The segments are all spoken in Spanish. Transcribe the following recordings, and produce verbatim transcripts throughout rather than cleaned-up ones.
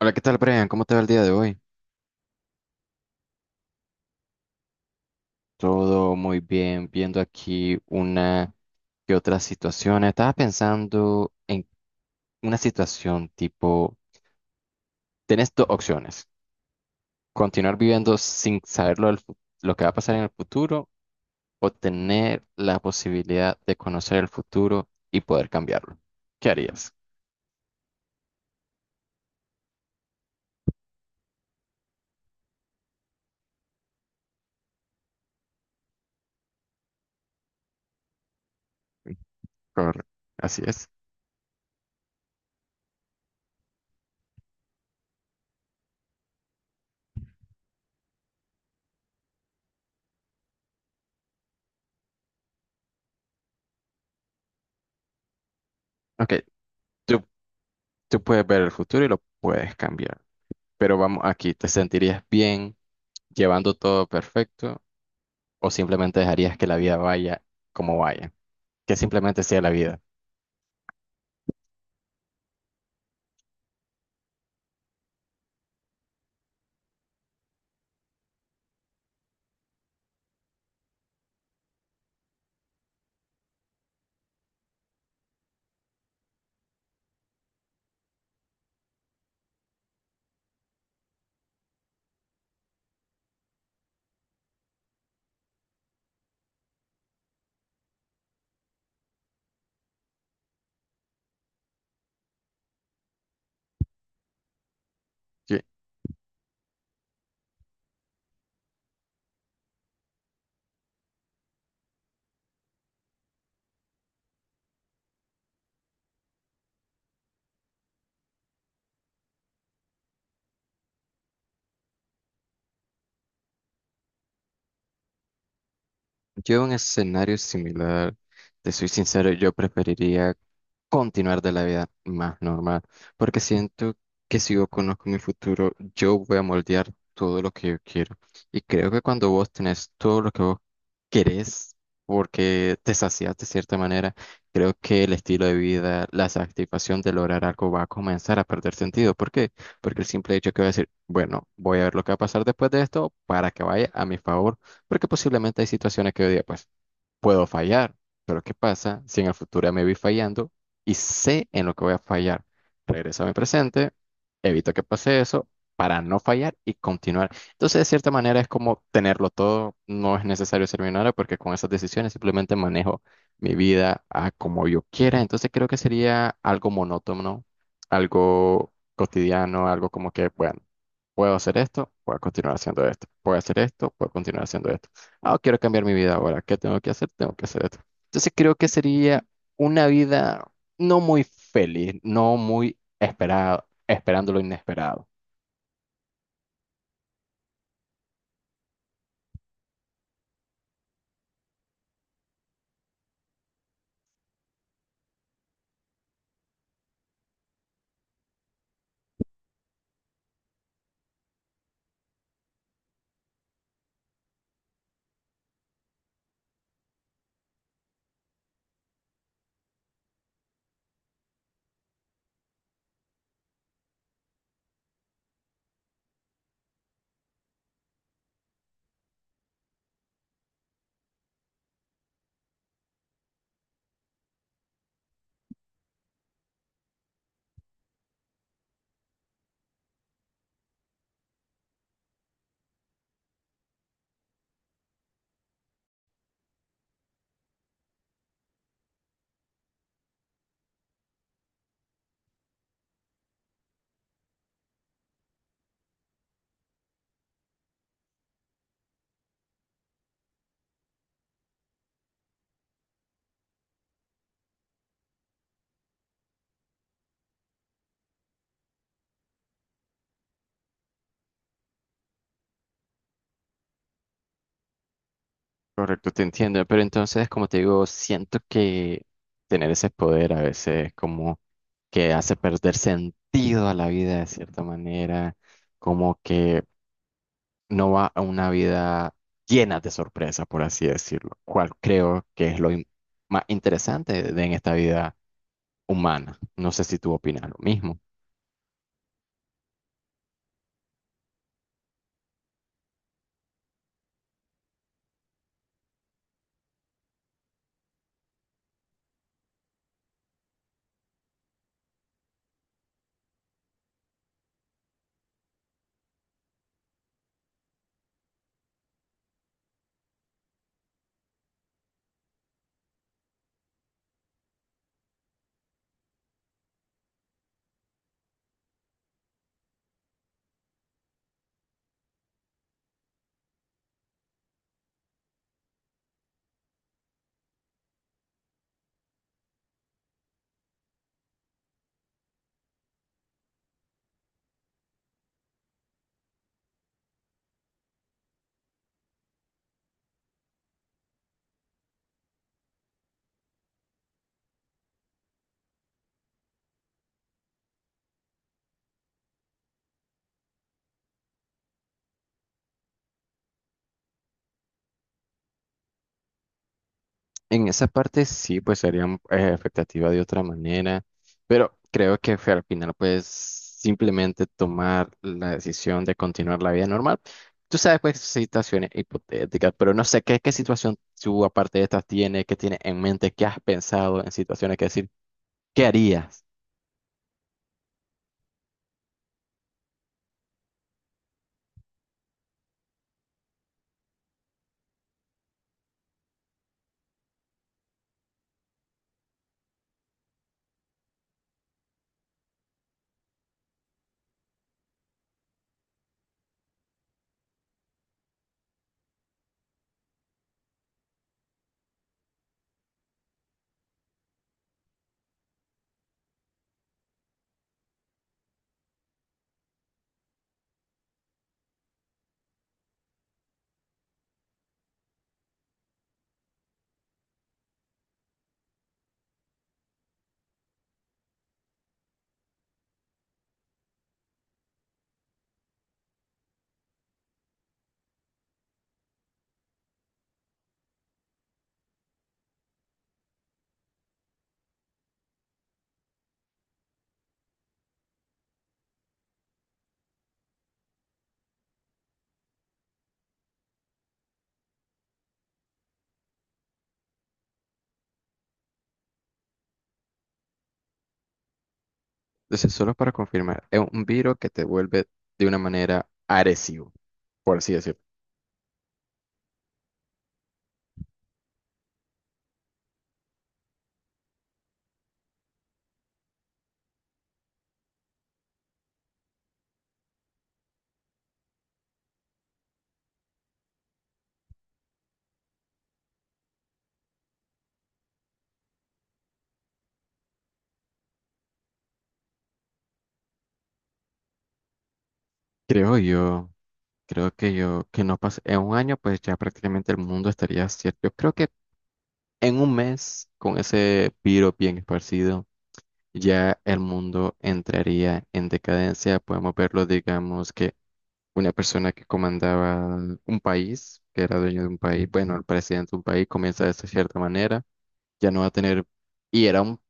Hola, ¿qué tal, Brian? ¿Cómo te va el día de hoy? Todo muy bien, viendo aquí una que otra situación. Estaba pensando en una situación tipo, tenés dos opciones, continuar viviendo sin saber lo, del fu- lo que va a pasar en el futuro o tener la posibilidad de conocer el futuro y poder cambiarlo. ¿Qué harías? Correcto. Así es. Ok, tú, tú puedes ver el futuro y lo puedes cambiar. Pero vamos aquí, ¿te sentirías bien llevando todo perfecto o simplemente dejarías que la vida vaya como vaya? Que simplemente sea la vida. Yo un escenario similar, te soy sincero, yo preferiría continuar de la vida más normal, porque siento que si yo conozco mi futuro, yo voy a moldear todo lo que yo quiero. Y creo que cuando vos tenés todo lo que vos querés, porque te sacias de cierta manera, creo que el estilo de vida, la satisfacción de lograr algo va a comenzar a perder sentido. ¿Por qué? Porque el simple hecho que voy a decir, bueno, voy a ver lo que va a pasar después de esto para que vaya a mi favor porque posiblemente hay situaciones que yo diga, pues puedo fallar, pero ¿qué pasa si en el futuro ya me vi fallando y sé en lo que voy a fallar? Regreso a mi presente, evito que pase eso para no fallar y continuar. Entonces, de cierta manera, es como tenerlo todo, no es necesario ser millonario porque con esas decisiones simplemente manejo mi vida a como yo quiera. Entonces, creo que sería algo monótono, algo cotidiano, algo como que, bueno, puedo hacer esto, puedo continuar haciendo esto, puedo hacer esto, puedo continuar haciendo esto. Ah, quiero cambiar mi vida ahora. ¿Qué tengo que hacer? Tengo que hacer esto. Entonces creo que sería una vida no muy feliz, no muy esperado, esperando lo inesperado. Correcto, te entiendo. Pero entonces, como te digo, siento que tener ese poder a veces como que hace perder sentido a la vida de cierta manera, como que no va a una vida llena de sorpresas, por así decirlo, cual creo que es lo in- más interesante de, en esta vida humana. No sé si tú opinas lo mismo. En esa parte sí, pues serían eh, expectativas de otra manera, pero creo que fue al final, pues simplemente tomar la decisión de continuar la vida normal. Tú sabes, pues, situaciones hipotéticas, pero no sé qué, qué situación tú, aparte de estas, tienes, qué tienes en mente, qué has pensado en situaciones que decir, ¿qué harías? Entonces, solo para confirmar, es un virus que te vuelve de una manera agresivo, por así decirlo. Creo yo. Creo que yo, que no pase, en un año, pues ya prácticamente el mundo estaría cierto. Yo creo que en un mes, con ese virus bien esparcido, ya el mundo entraría en decadencia. Podemos verlo, digamos, que una persona que comandaba un país, que era dueño de un país, bueno, el presidente de un país comienza de esa cierta manera ya no va a tener, y era un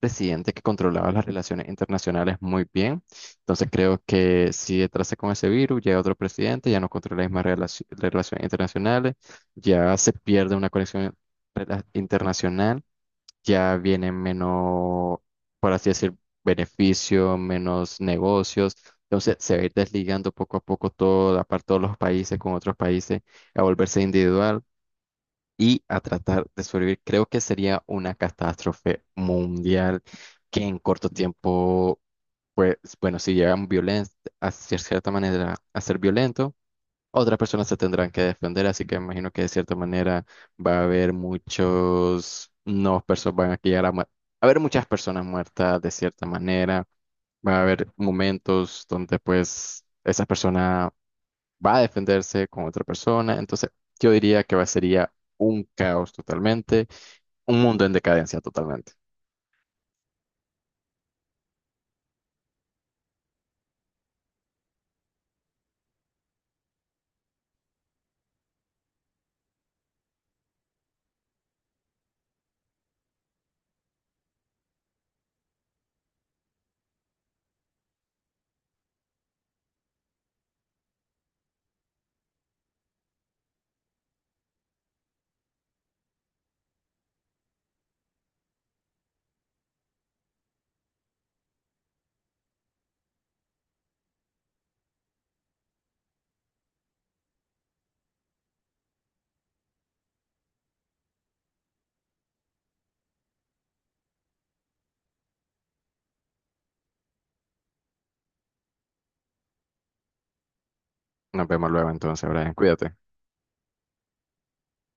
presidente que controlaba las relaciones internacionales muy bien, entonces creo que si entrase con ese virus, llega otro presidente, ya no controla las mismas relaci- relaciones internacionales, ya se pierde una conexión rela- internacional, ya viene menos, por así decir, beneficio, menos negocios, entonces se va a ir desligando poco a poco toda, aparte todos los países con otros países, a volverse individual y a tratar de sobrevivir. Creo que sería una catástrofe mundial que en corto tiempo, pues, bueno, si llegan violen a cier- cierta manera a ser violento, otras personas se tendrán que defender, así que me imagino que de cierta manera va a haber muchos, no, personas van a llegar a, mu- va a haber muchas personas muertas de cierta manera, va a haber momentos donde pues esa persona va a defenderse con otra persona. Entonces, yo diría que va, sería un caos totalmente, un mundo en decadencia totalmente. Nos vemos luego entonces, Brian, cuídate.